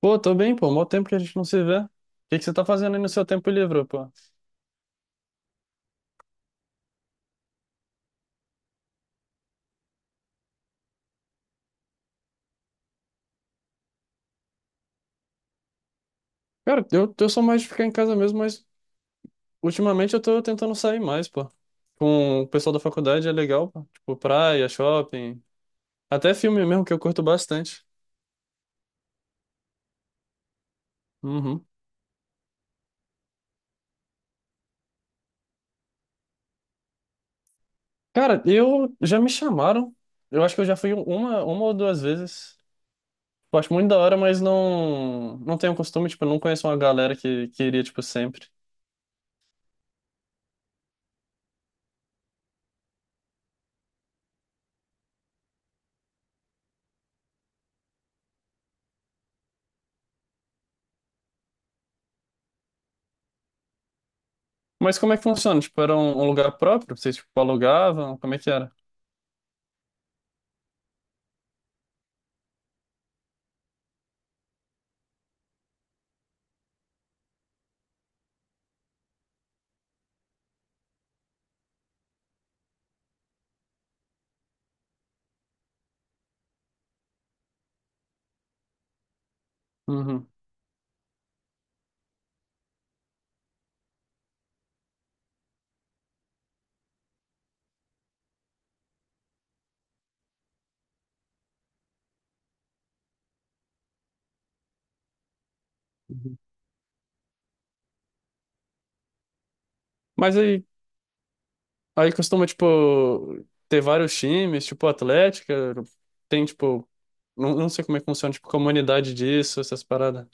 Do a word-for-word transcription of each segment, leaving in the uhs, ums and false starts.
Pô, tô bem, pô. Mó tempo que a gente não se vê. O que que você tá fazendo aí no seu tempo livre, pô? Cara, eu, eu sou mais de ficar em casa mesmo, mas ultimamente eu tô tentando sair mais, pô. Com o pessoal da faculdade é legal, pô. Tipo, praia, shopping, até filme mesmo, que eu curto bastante. Uhum. Cara, eu já me chamaram. Eu acho que eu já fui uma, uma ou duas vezes. Eu acho muito da hora, mas não, não tenho costume, tipo, eu não conheço uma galera que, que iria, tipo, sempre. Mas como é que funciona? Tipo, era um, um lugar próprio? Vocês, tipo, alugavam? Como é que era? Uhum. Uhum. Mas aí, aí costuma, tipo, ter vários times, tipo, Atlética, tem, tipo, não, não sei como é que funciona, tipo, comunidade disso, essas paradas.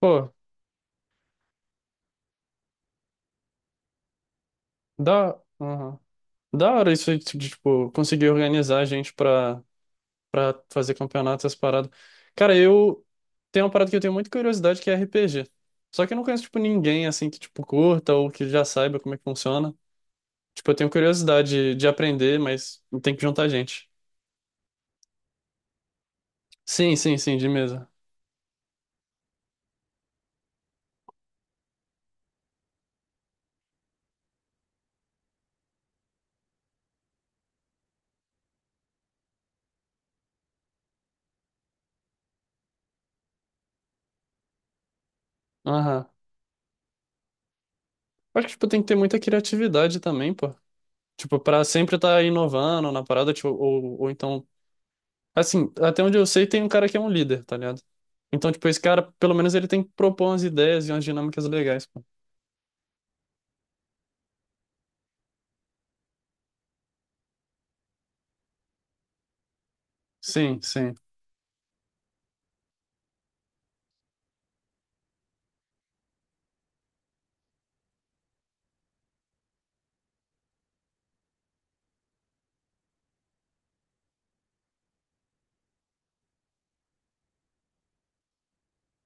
Pô, dá, uhum. Da hora isso aí de, tipo, conseguir organizar a gente pra, pra fazer campeonato, essas paradas. Cara, eu tem uma parada que eu tenho muita curiosidade, que é R P G. Só que eu não conheço, tipo, ninguém, assim, que, tipo, curta ou que já saiba como é que funciona. Tipo, eu tenho curiosidade de, de aprender, mas tem que juntar gente. Sim, sim, sim, de mesa. Aham. Acho que, tipo, tem que ter muita criatividade também, pô. Tipo, pra sempre estar inovando na parada, tipo, ou, ou então... Assim, até onde eu sei, tem um cara que é um líder, tá ligado? Então, tipo, esse cara, pelo menos ele tem que propor umas ideias e umas dinâmicas legais, pô. Sim, sim,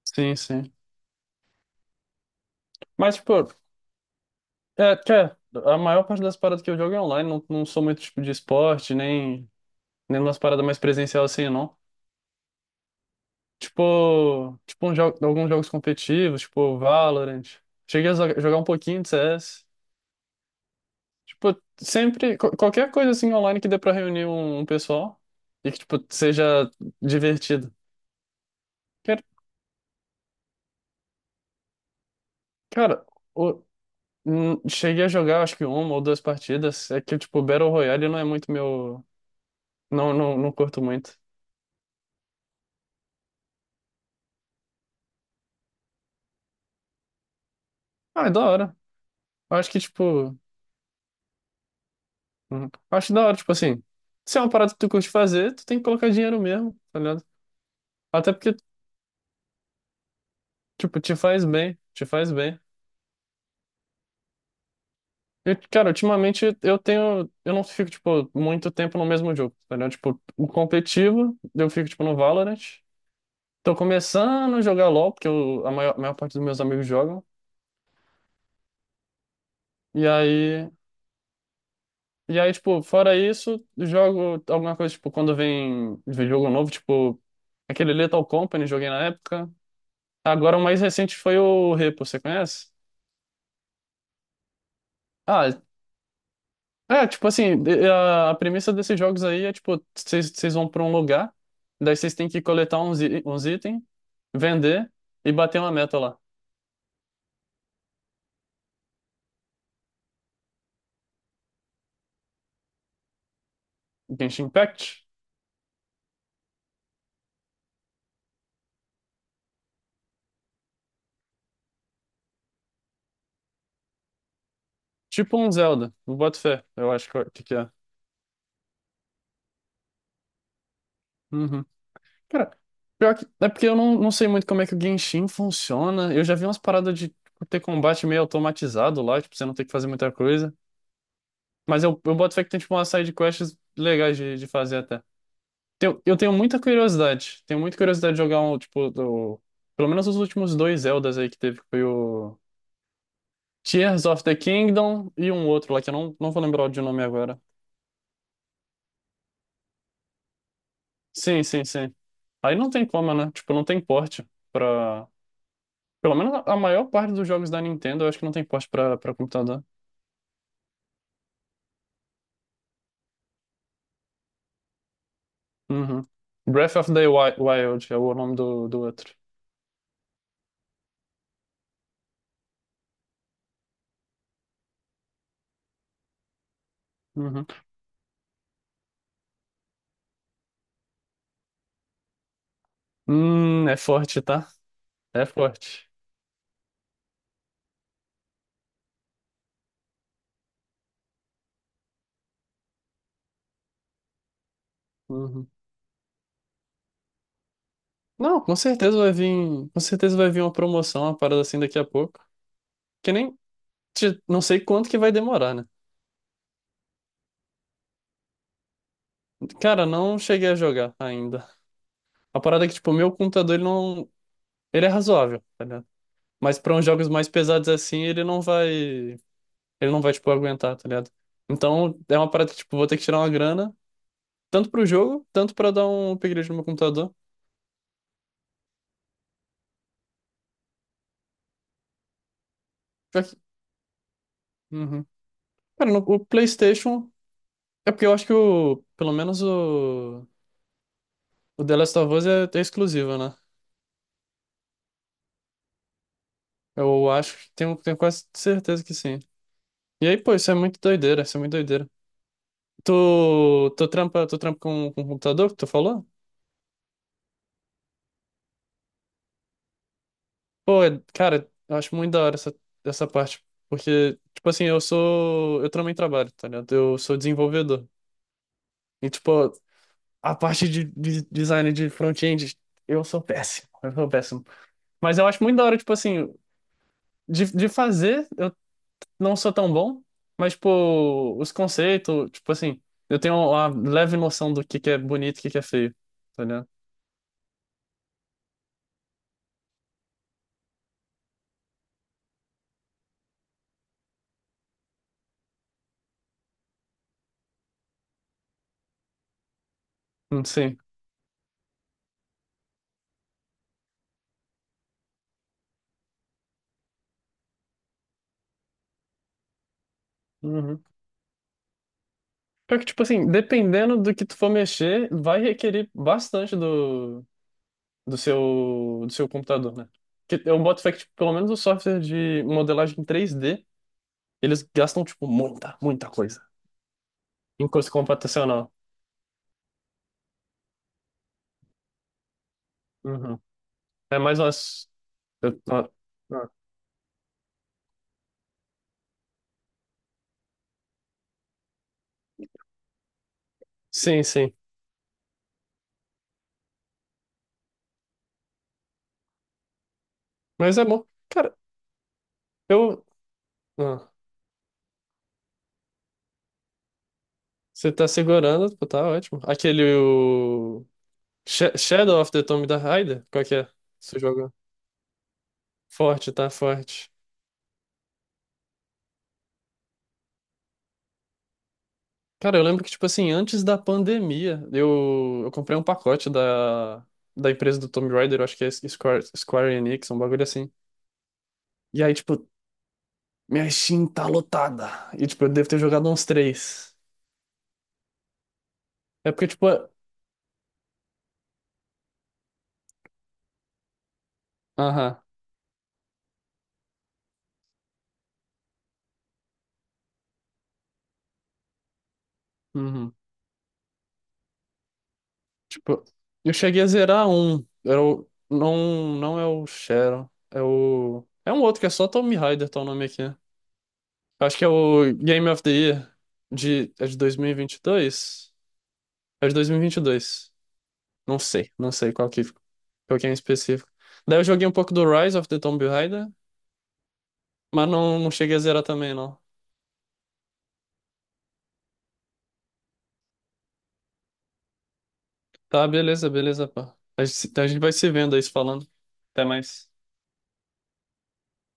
sim, sim. Mas, tipo, é, que é, a maior parte das paradas que eu jogo é online, não, não sou muito, tipo, de esporte, nem, nem umas paradas mais presencial assim, não. Tipo, tipo um jo alguns jogos competitivos, tipo Valorant. Cheguei a zo- jogar um pouquinho de C S. Tipo, sempre, qu- qualquer coisa assim online que dê pra reunir um, um pessoal e que, tipo, seja divertido. Quer- Cara, o- hum, cheguei a jogar acho que uma ou duas partidas. É que, tipo, Battle Royale não é muito meu. Não, não, não curto muito. Ah, é da hora. Eu acho que, tipo. Hum, Acho da hora, tipo assim. Se é uma parada que tu curte fazer, tu tem que colocar dinheiro mesmo, tá ligado? Até porque, tipo, te faz bem. Te faz bem. Eu, cara, ultimamente eu tenho. Eu não fico, tipo, muito tempo no mesmo jogo, entendeu? Tipo, o competitivo, eu fico, tipo, no Valorant. Tô começando a jogar LoL, porque eu- a maior, a maior parte dos meus amigos jogam. E aí. E aí, tipo, fora isso, jogo alguma coisa, tipo, quando vem vem jogo novo, tipo, aquele Lethal Company, joguei na época. Agora o mais recente foi o Repo, você conhece? Ah, é, tipo assim, de- a a premissa desses jogos aí é tipo, vocês vocês vão pra um lugar, daí vocês têm que coletar uns, i- uns itens, vender e bater uma meta lá. Genshin Impact? Tipo um Zelda, eu boto fé, eu acho que que é. Uhum. Cara, pior que, é porque eu não, não sei muito como é que o Genshin funciona. Eu já vi umas paradas de tipo, ter combate meio automatizado lá, tipo, você não tem que fazer muita coisa. Mas eu, eu boto fé que tem tipo umas side quests legais de, de fazer até. Eu, eu tenho muita curiosidade. Tenho muita curiosidade de jogar um, tipo, do, pelo menos os últimos dois Zeldas aí que teve, que foi o Tears of the Kingdom e um outro lá, que eu não, não vou lembrar de nome agora. Sim, sim, sim. Aí não tem como, né? Tipo, não tem porte pra. Pelo menos a a maior parte dos jogos da Nintendo, eu acho que não tem porte pra, pra computador. Uhum. Breath of the Wi- Wild é o nome do, do outro. Uhum. Hum, é forte, tá? É forte. Uhum. Não, com certeza vai vir, com certeza vai vir uma promoção, uma parada assim daqui a pouco. Que nem, ti- não sei quanto que vai demorar, né? Cara, não cheguei a jogar ainda. A parada é que, tipo, o meu computador, ele não, ele é razoável, tá ligado? Mas pra uns jogos mais pesados assim, ele não vai, ele não vai, tipo, aguentar, tá ligado? Então, é uma parada que, tipo, vou ter que tirar uma grana, tanto pro jogo, tanto pra dar um upgrade no meu computador. Já que- Uhum. Cara, no, o PlayStation, é porque eu acho que o, pelo menos o, o The Last of Us é é exclusivo, né? Eu acho que tenho, tenho quase certeza que sim. E aí, pô, isso é muito doideira, isso é muito doideira. Tu, tu trampa, tu trampa com, com o computador que tu falou? Pô, é- cara, eu acho muito da hora essa, essa parte. Porque, tipo assim, eu sou. Eu também trabalho, tá ligado? Eu sou desenvolvedor. E, tipo, a parte de, de design de front-end, eu sou péssimo. Eu sou péssimo. Mas eu acho muito da hora, tipo assim, de, de fazer. Não sou tão bom, mas, tipo, os conceitos, tipo assim, eu tenho uma leve noção do que que é bonito e o que que é feio, tá ligado? Hum, Sim. Uhum. Pior que, tipo assim, dependendo do que tu for mexer, vai requerer bastante do, do seu, do seu computador, né? Que eu boto fé que, tipo, pelo menos o software de modelagem três D, eles gastam, tipo, muita, muita coisa. Em coisa computacional. Uhum. É mais umas... eu- uma- ah, Sim, sim. Mas é bom. Cara, eu. Você tá segurando, pô, tá ótimo. Aquele o... Sh- Shadow of the Tomb Raider, qual que é? Você joga? Forte, tá forte. Cara, eu lembro que, tipo assim, antes da pandemia, eu, eu comprei um pacote da, da empresa do Tomb Raider, eu acho que é Square, Square Enix, um bagulho assim. E aí, tipo, minha Steam tá lotada. E, tipo, eu devo ter jogado uns três. É porque, tipo, é- aham. uhum. Tipo, eu cheguei a zerar um. Era o, não, não é o Sharon. É o. É um outro que é só Tomb Raider, tá o nome aqui. Acho que é o Game of the Year de, é de dois mil e vinte e dois? É de dois mil e vinte e dois. Não sei, não sei qual que, qual que é em específico. Daí eu joguei um pouco do Rise of the Tomb Raider, mas não, não cheguei a zerar também, não. Tá, beleza, beleza, pá. A gente, se- a gente vai se vendo aí, se falando. Até mais.